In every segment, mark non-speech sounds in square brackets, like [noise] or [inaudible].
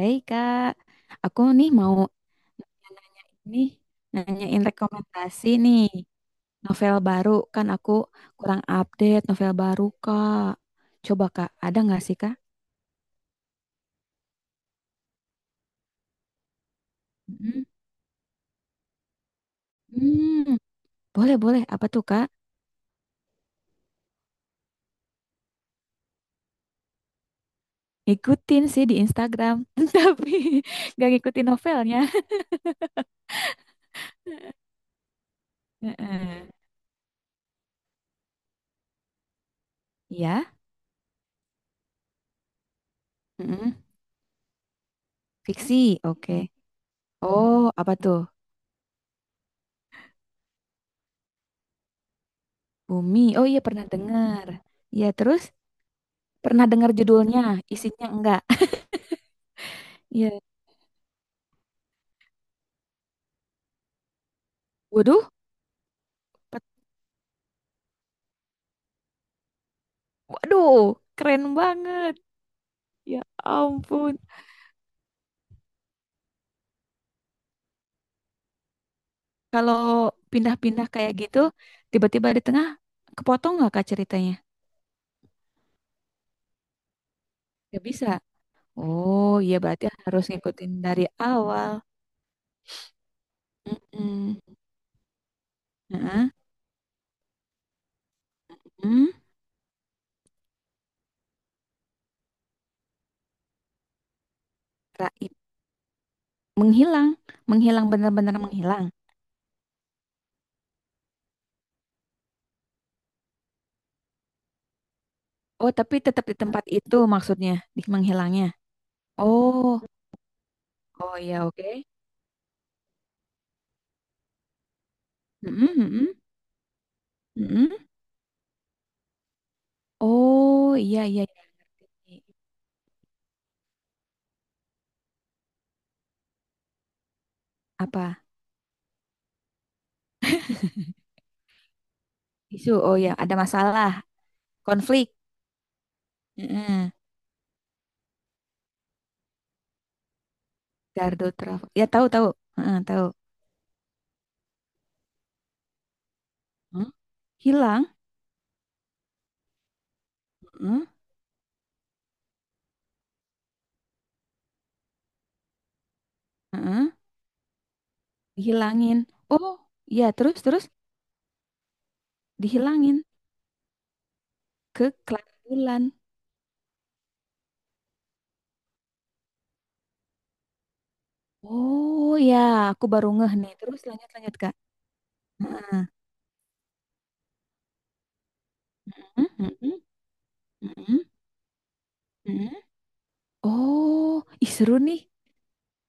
Hei Kak, aku nih mau nanya ini, nanyain rekomendasi nih novel baru kan aku kurang update novel baru Kak. Coba Kak, ada nggak sih Kak? Mm. Hmm, boleh boleh. Apa tuh Kak? Ngikutin sih di Instagram, [laughs] tapi nggak ngikutin novelnya. [laughs] Heeh. Iya. Mm-mm. Fiksi, oke. Oh, apa tuh? Bumi. Oh iya pernah dengar. Iya terus pernah dengar judulnya, isinya enggak? [laughs] Iya. Waduh. Waduh, keren banget. Ya ampun. Kalau pindah-pindah kayak gitu, tiba-tiba di tengah, kepotong nggak Kak ceritanya? Nggak bisa. Oh, iya berarti harus ngikutin dari awal. Mm-mm. Heeh. Mm. Raib. Menghilang. Menghilang, benar-benar menghilang. Oh, tapi tetap di tempat itu maksudnya, di menghilangnya. Oh, oh iya oke. Mm-mm, mm-mm, mm-mm. Oh, iya, iya, iya. Ngerti. Apa? Isu, oh ya, ada masalah. Konflik. Heeh. Gardu trafo. Ya tahu tahu. Heeh, tahu. Hmm? Hilang. Heeh, heeh. Dihilangin. Oh, ya terus terus dihilangin ke Clara Bulan. Oh ya, aku baru ngeh nih. Terus lanjut lanjut Kak. Heeh. Heeh, heeh, heeh, heeh. Oh, ih seru nih.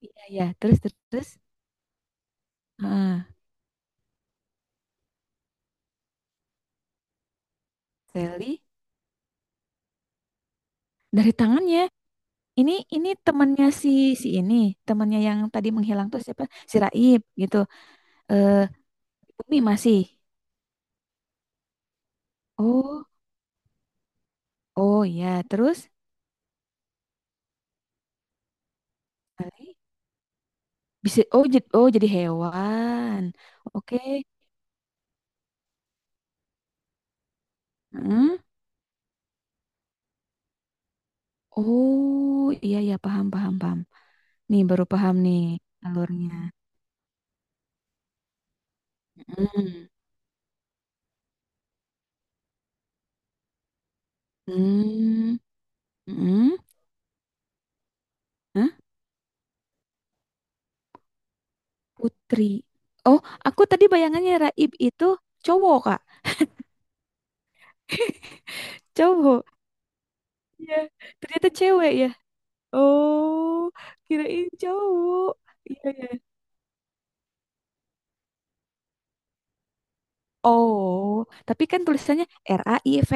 Iya ya, terus terus, terus. Heeh. Sally dari tangannya. Ini temannya si si ini, temannya yang tadi menghilang tuh siapa? Si Raib gitu. Eh Bumi masih. Oh, oh ya. Terus Bali bisa oh jadi hewan. Oke. Heeh. Oh, iya ya paham paham paham. Nih baru paham nih alurnya. Heeh. Hmm. Heeh. Hah? Putri. Oh, aku tadi bayangannya Raib itu cowok, Kak. Cowok. Iya, ternyata cewek ya. Oh, kirain cowok. Iya, iya. Oh, tapi kan tulisannya R A I V.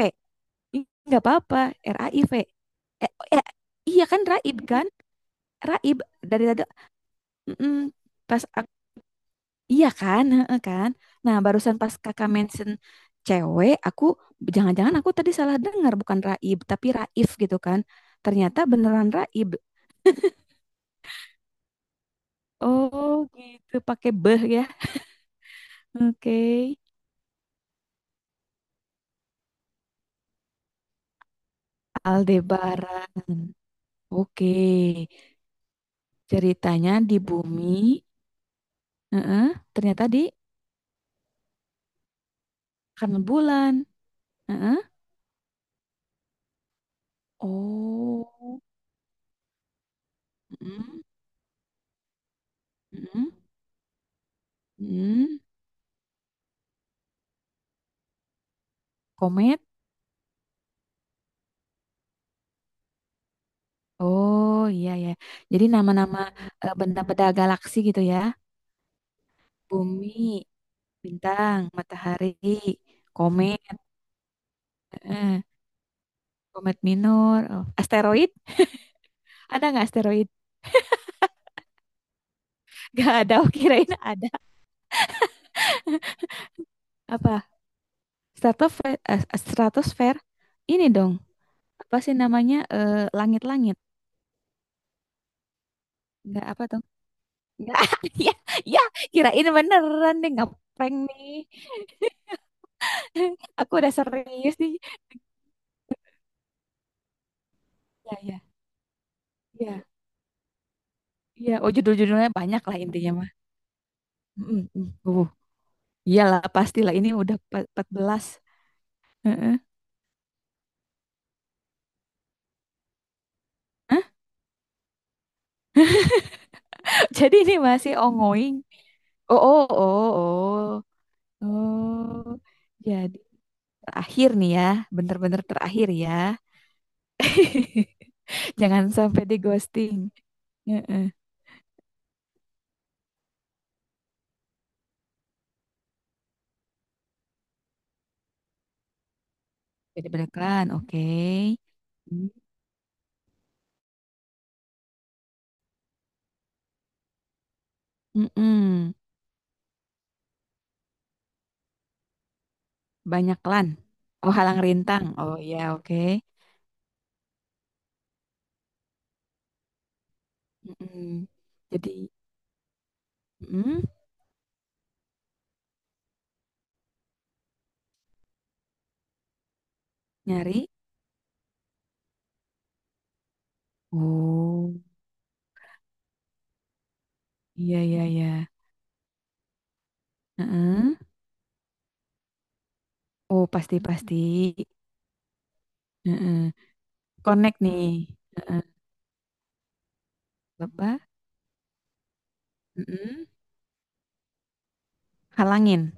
Ih, nggak apa-apa. R A RAIV, eh, oh, eh, iya kan Raib dari tadi. mm-mm. pas ak- iya kan, heeh kan, nah barusan pas kakak mention cewek, aku jangan-jangan aku tadi salah dengar bukan Raib tapi Raif gitu kan, ternyata beneran Raib. Oh gitu pakai beh ya. Oke. Aldebaran, oke, ceritanya di bumi. Heeh, ternyata di karena bulan. Heeh. Oh, mm-mm, mm mm. Komet. Oh iya ya. Jadi nama-nama, benda-benda galaksi gitu ya. Bumi, bintang, matahari, komet, eh, komet minor, oh, asteroid. Ada nggak asteroid? [laughs] Gak ada. Oh, kirain ada. Apa? Stratosfer. Ini dong. Apa sih namanya? Langit-langit. Nggak apa dong? Nggak. [laughs] Ya, ya. Kirain beneran deh. Nggak prank nih. [laughs] Aku udah serius nih. Ya, ya, ya, ya. Oh, judul-judulnya banyak lah intinya mah. Mm, mm, mm. Iyalah pastilah ini udah 14. Heeh. Hah? [laughs] Jadi ini masih ongoing. Oh, oh, oh, oh. Oh. Jadi terakhir nih ya, bener-bener terakhir ya. [laughs] Jangan sampai di ghosting. Heeh. Jadi beneran, oke. Mm, mm-mm. Banyak lan. Oh, halang rintang. Oh, iya, oke. Mm-mm. Jadi mm, nyari. Oh, iya iya iya. Heeh. Oh, pasti pasti. Heeh. Connect nih. Heeh. Lebah. Mm-mm. Halangin.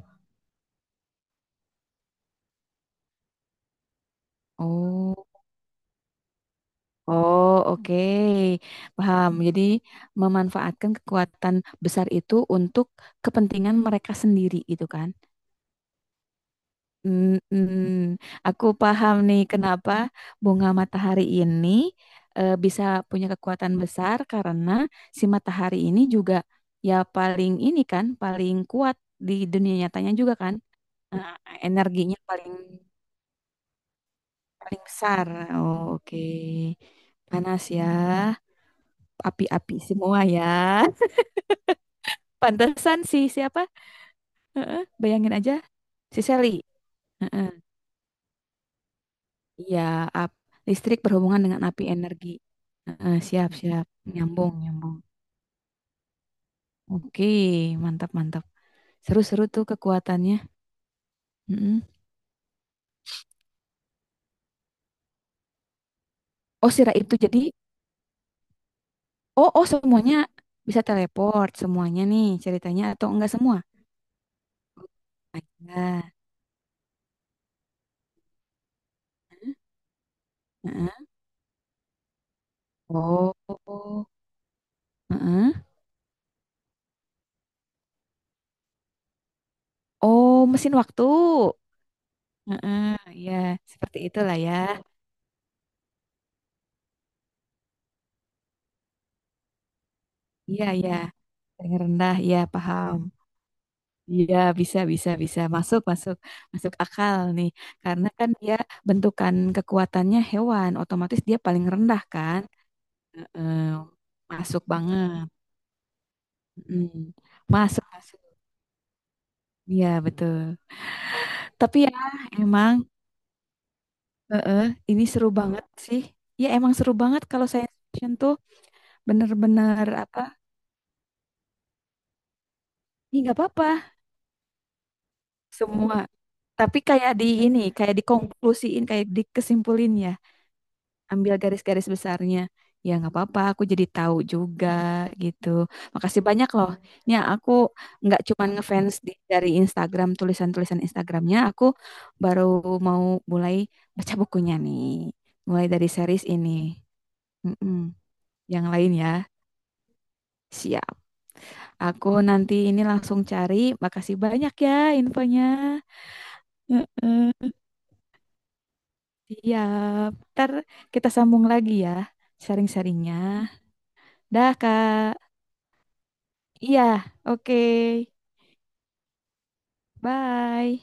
Oh. Oh, oke. Paham. Jadi memanfaatkan kekuatan besar itu untuk kepentingan mereka sendiri gitu kan. Mm-mm. Aku paham nih kenapa bunga matahari ini bisa punya kekuatan besar karena si matahari ini juga, ya paling ini kan paling kuat di dunia nyatanya juga kan. Nah, energinya paling paling besar. Oh, oke. Panas ya. Api-api semua ya. [laughs] Pantesan sih siapa? Heeh, bayangin aja si Sally. Heeh. Iya, ap- listrik berhubungan dengan api energi. Heeh, siap, siap. Nyambung, nyambung. Oke, mantap, mantap. Seru-seru tuh kekuatannya. Mm-mm. Oh, si Raib tuh jadi, oh, oh, semuanya bisa teleport, semuanya nih ceritanya atau enggak semua? Ada. Heeh. Oh, oh, heeh. Oh, mesin waktu. Heeh, iya, seperti itulah ya. Iya, iya. Yang rendah, ya paham. Iya, bisa, bisa, bisa. Masuk, masuk, masuk akal nih. Karena kan dia bentukan kekuatannya hewan, otomatis dia paling rendah kan. Heeh, masuk banget. Mm. Masuk, masuk. Iya, betul. Tapi ya, emang, heeh, ini seru banget sih. Ya, emang seru banget kalau saya fiction tuh bener-bener apa. Ini nggak apa-apa. Semua. Tapi kayak di ini, kayak dikonklusiin, kayak dikesimpulin ya. Ambil garis-garis besarnya. Ya nggak apa-apa, aku jadi tahu juga gitu. Makasih banyak loh. Ya aku nggak cuman ngefans dari Instagram, tulisan-tulisan Instagramnya. Aku baru mau mulai baca bukunya nih. Mulai dari series ini. Mm-mm. Yang lain ya. Siap. Aku nanti ini langsung cari. Makasih banyak ya infonya. Heeh. Siap. Ntar kita sambung lagi ya sharing-sharingnya. Dah, Kak. Iya, oke. Bye.